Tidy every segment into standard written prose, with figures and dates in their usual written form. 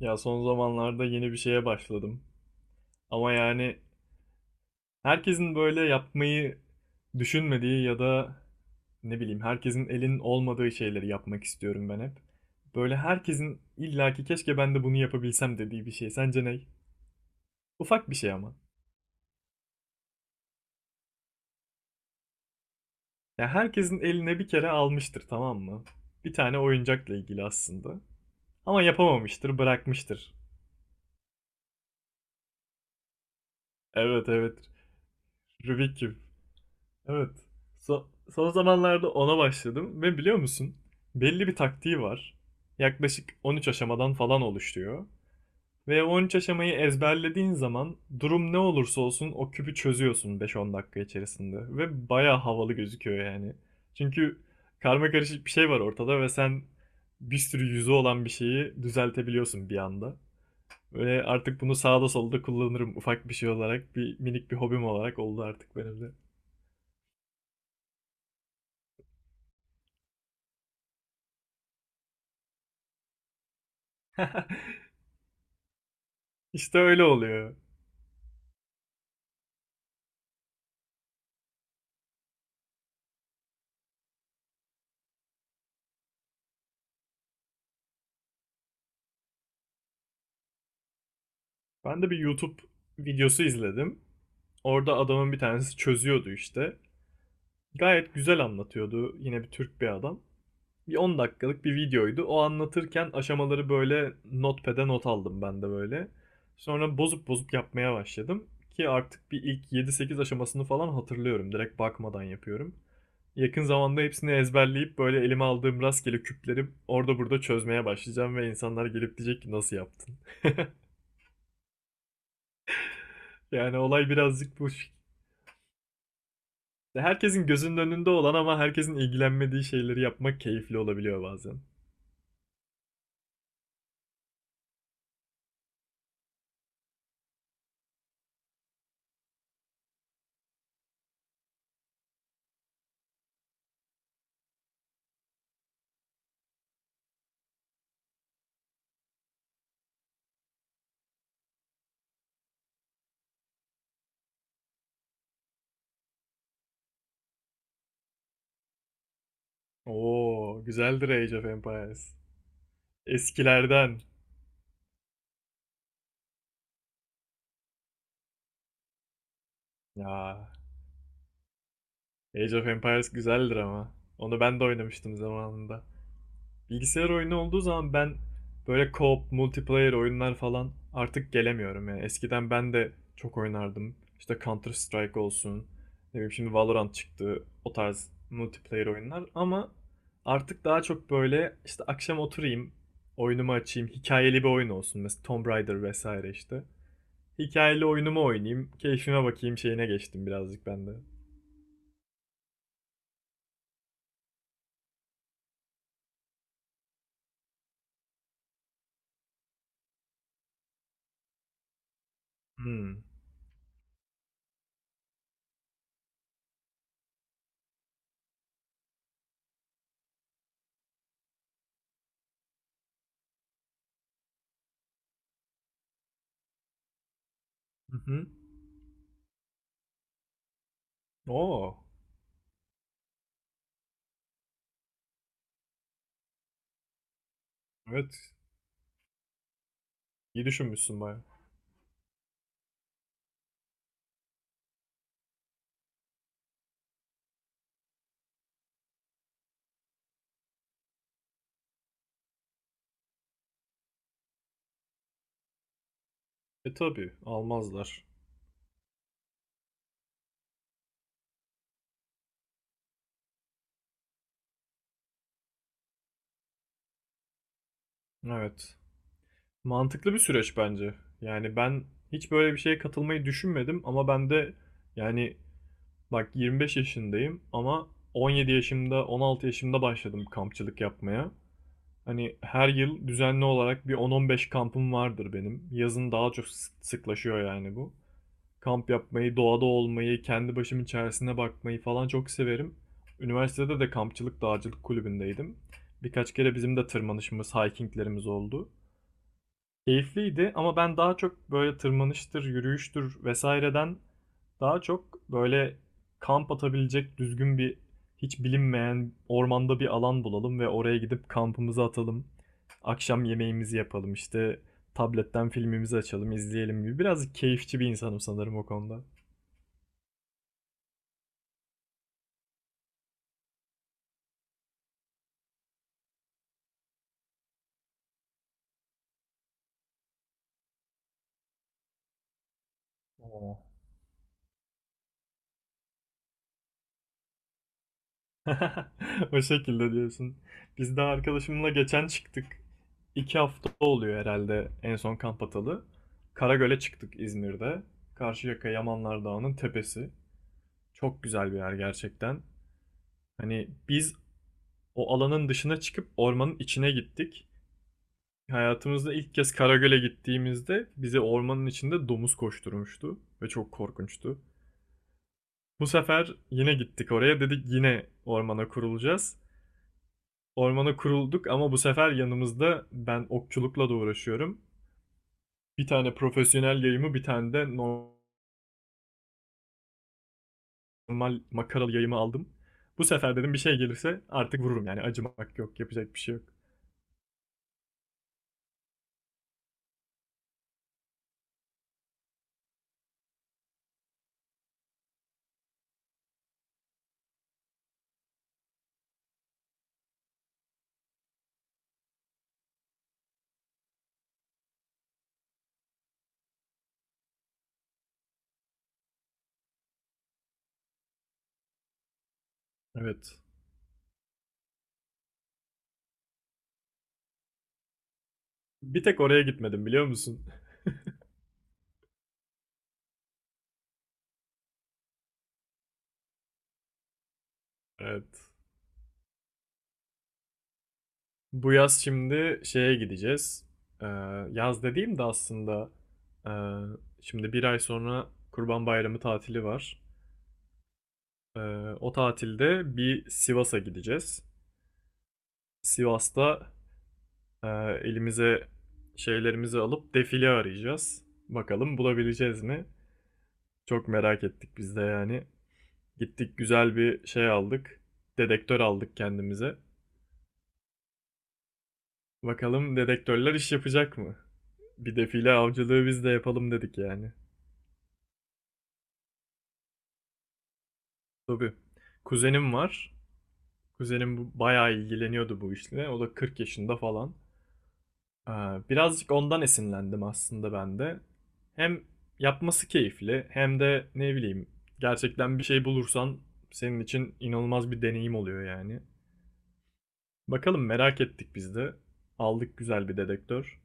Ya son zamanlarda yeni bir şeye başladım. Ama yani herkesin böyle yapmayı düşünmediği ya da ne bileyim herkesin elinin olmadığı şeyleri yapmak istiyorum ben hep. Böyle herkesin illaki keşke ben de bunu yapabilsem dediği bir şey. Sence ne? Ufak bir şey ama. Ya herkesin eline bir kere almıştır, tamam mı? Bir tane oyuncakla ilgili aslında. Ama yapamamıştır, bırakmıştır. Evet, evet. Rubik. Evet. So- son zamanlarda ona başladım ve biliyor musun? Belli bir taktiği var. Yaklaşık 13 aşamadan falan oluşuyor. Ve 13 aşamayı ezberlediğin zaman durum ne olursa olsun o küpü çözüyorsun beş on dakika içerisinde. Ve baya havalı gözüküyor yani. Çünkü karma karışık bir şey var ortada ve sen bir sürü yüzü olan bir şeyi düzeltebiliyorsun bir anda. Böyle artık bunu sağda solda kullanırım ufak bir şey olarak. Bir minik bir hobim olarak oldu artık benim de. İşte öyle oluyor. Ben de bir YouTube videosu izledim. Orada adamın bir tanesi çözüyordu işte. Gayet güzel anlatıyordu. Yine bir Türk bir adam. Bir 10 dakikalık bir videoydu. O anlatırken aşamaları böyle notepad'e not aldım ben de böyle. Sonra bozup bozup yapmaya başladım. Ki artık bir ilk yedi sekiz aşamasını falan hatırlıyorum. Direkt bakmadan yapıyorum. Yakın zamanda hepsini ezberleyip böyle elime aldığım rastgele küpleri orada burada çözmeye başlayacağım ve insanlar gelip diyecek ki nasıl yaptın? Yani olay birazcık bu. Herkesin gözünün önünde olan ama herkesin ilgilenmediği şeyleri yapmak keyifli olabiliyor bazen. Oo, güzeldir Age of Empires. Eskilerden. Ya, Age of Empires güzeldir ama. Onu ben de oynamıştım zamanında. Bilgisayar oyunu olduğu zaman ben böyle co-op, multiplayer oyunlar falan artık gelemiyorum yani. Eskiden ben de çok oynardım. İşte Counter Strike olsun. Ne bileyim şimdi Valorant çıktı. O tarz multiplayer oyunlar ama artık daha çok böyle işte akşam oturayım, oyunumu açayım, hikayeli bir oyun olsun. Mesela Tomb Raider vesaire işte. Hikayeli oyunumu oynayayım, keyfime bakayım şeyine geçtim birazcık ben de. Hmm. Hı hı. Oo. Evet. İyi düşünmüşsün baya. E tabii almazlar. Evet. Mantıklı bir süreç bence. Yani ben hiç böyle bir şeye katılmayı düşünmedim ama ben de, yani, bak 25 yaşındayım ama 17 yaşımda, 16 yaşımda başladım kampçılık yapmaya. Hani her yıl düzenli olarak bir 10-15 kampım vardır benim. Yazın daha çok sıklaşıyor yani bu. Kamp yapmayı, doğada olmayı, kendi başımın içerisine bakmayı falan çok severim. Üniversitede de kampçılık dağcılık kulübündeydim. Birkaç kere bizim de tırmanışımız, hikinglerimiz oldu. Keyifliydi ama ben daha çok böyle tırmanıştır, yürüyüştür vesaireden daha çok böyle kamp atabilecek düzgün bir hiç bilinmeyen ormanda bir alan bulalım ve oraya gidip kampımızı atalım. Akşam yemeğimizi yapalım, işte tabletten filmimizi açalım, izleyelim gibi. Biraz keyifçi bir insanım sanırım o konuda. Oo. O şekilde diyorsun. Biz de arkadaşımla geçen çıktık. İki hafta oluyor herhalde en son kamp atalı. Karagöl'e çıktık İzmir'de. Karşıyaka Yamanlar Dağı'nın tepesi. Çok güzel bir yer gerçekten. Hani biz o alanın dışına çıkıp ormanın içine gittik. Hayatımızda ilk kez Karagöl'e gittiğimizde bizi ormanın içinde domuz koşturmuştu ve çok korkunçtu. Bu sefer yine gittik oraya, dedik yine ormana kurulacağız. Ormana kurulduk ama bu sefer yanımızda, ben okçulukla da uğraşıyorum. Bir tane profesyonel yayımı, bir tane de normal makaralı yayımı aldım. Bu sefer dedim bir şey gelirse artık vururum yani, acımak yok, yapacak bir şey yok. Evet. Bir tek oraya gitmedim biliyor musun? Evet. Bu yaz şimdi şeye gideceğiz. Ee, yaz dediğim de aslında, ee, şimdi bir ay sonra Kurban Bayramı tatili var. Ee, o tatilde bir Sivas'a gideceğiz. Sivas'ta, Ee, elimize şeylerimizi alıp defile arayacağız. Bakalım bulabileceğiz mi? Çok merak ettik biz de yani. Gittik güzel bir şey aldık. Dedektör aldık kendimize. Bakalım dedektörler iş yapacak mı? Bir defile avcılığı biz de yapalım dedik yani. Tabii. Kuzenim var. Kuzenim bayağı ilgileniyordu bu işle. O da 40 yaşında falan. Aa, birazcık ondan esinlendim aslında ben de. Hem yapması keyifli hem de ne bileyim gerçekten bir şey bulursan senin için inanılmaz bir deneyim oluyor yani. Bakalım, merak ettik biz de. Aldık güzel bir dedektör.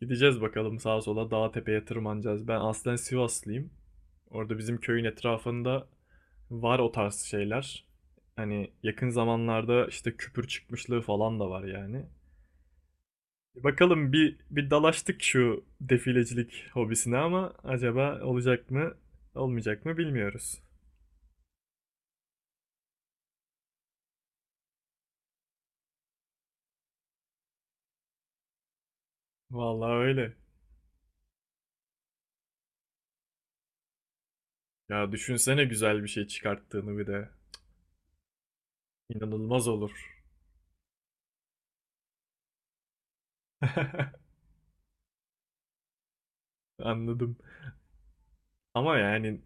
Gideceğiz bakalım, sağa sola, dağa tepeye tırmanacağız. Ben aslen Sivaslıyım. Orada bizim köyün etrafında var o tarz şeyler. Hani yakın zamanlarda işte küpür çıkmışlığı falan da var yani. Bakalım, bir bir dalaştık şu defilecilik hobisine ama acaba olacak mı, olmayacak mı bilmiyoruz. Vallahi öyle. Ya düşünsene güzel bir şey çıkarttığını bir de. İnanılmaz olur. Anladım. Ama yani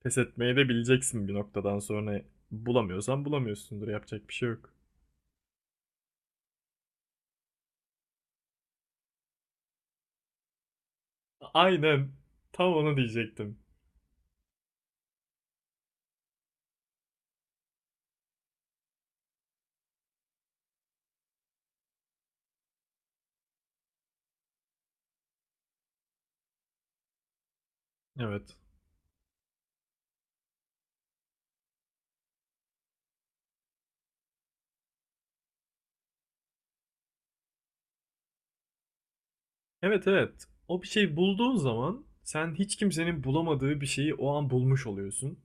pes etmeyi de bileceksin bir noktadan sonra. Bulamıyorsan bulamıyorsundur. Yapacak bir şey yok. Aynen. Tam onu diyecektim. Evet. Evet, evet. O bir şey bulduğun zaman sen hiç kimsenin bulamadığı bir şeyi o an bulmuş oluyorsun.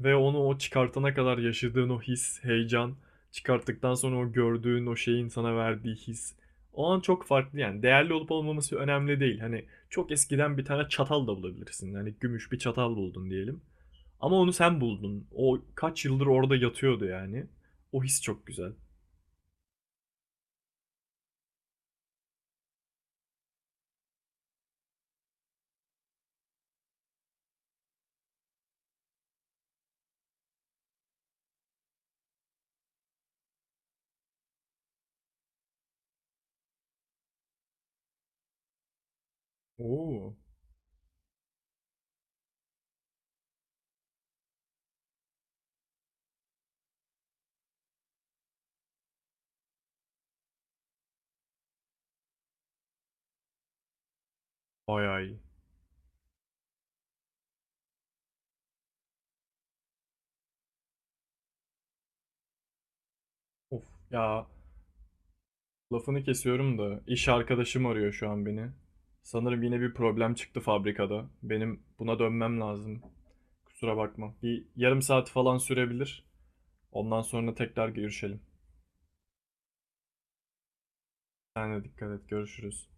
Ve onu o çıkartana kadar yaşadığın o his, heyecan, çıkarttıktan sonra o gördüğün o şeyin sana verdiği his. O an çok farklı yani. Değerli olup olmaması önemli değil. Hani çok eskiden bir tane çatal da bulabilirsin. Hani gümüş bir çatal buldun diyelim. Ama onu sen buldun. O kaç yıldır orada yatıyordu yani. O his çok güzel. Oo. Bayağı iyi. Of ya, lafını kesiyorum da iş arkadaşım arıyor şu an beni. Sanırım yine bir problem çıktı fabrikada. Benim buna dönmem lazım. Kusura bakma. Bir yarım saat falan sürebilir. Ondan sonra tekrar görüşelim. Sen de dikkat et. Görüşürüz.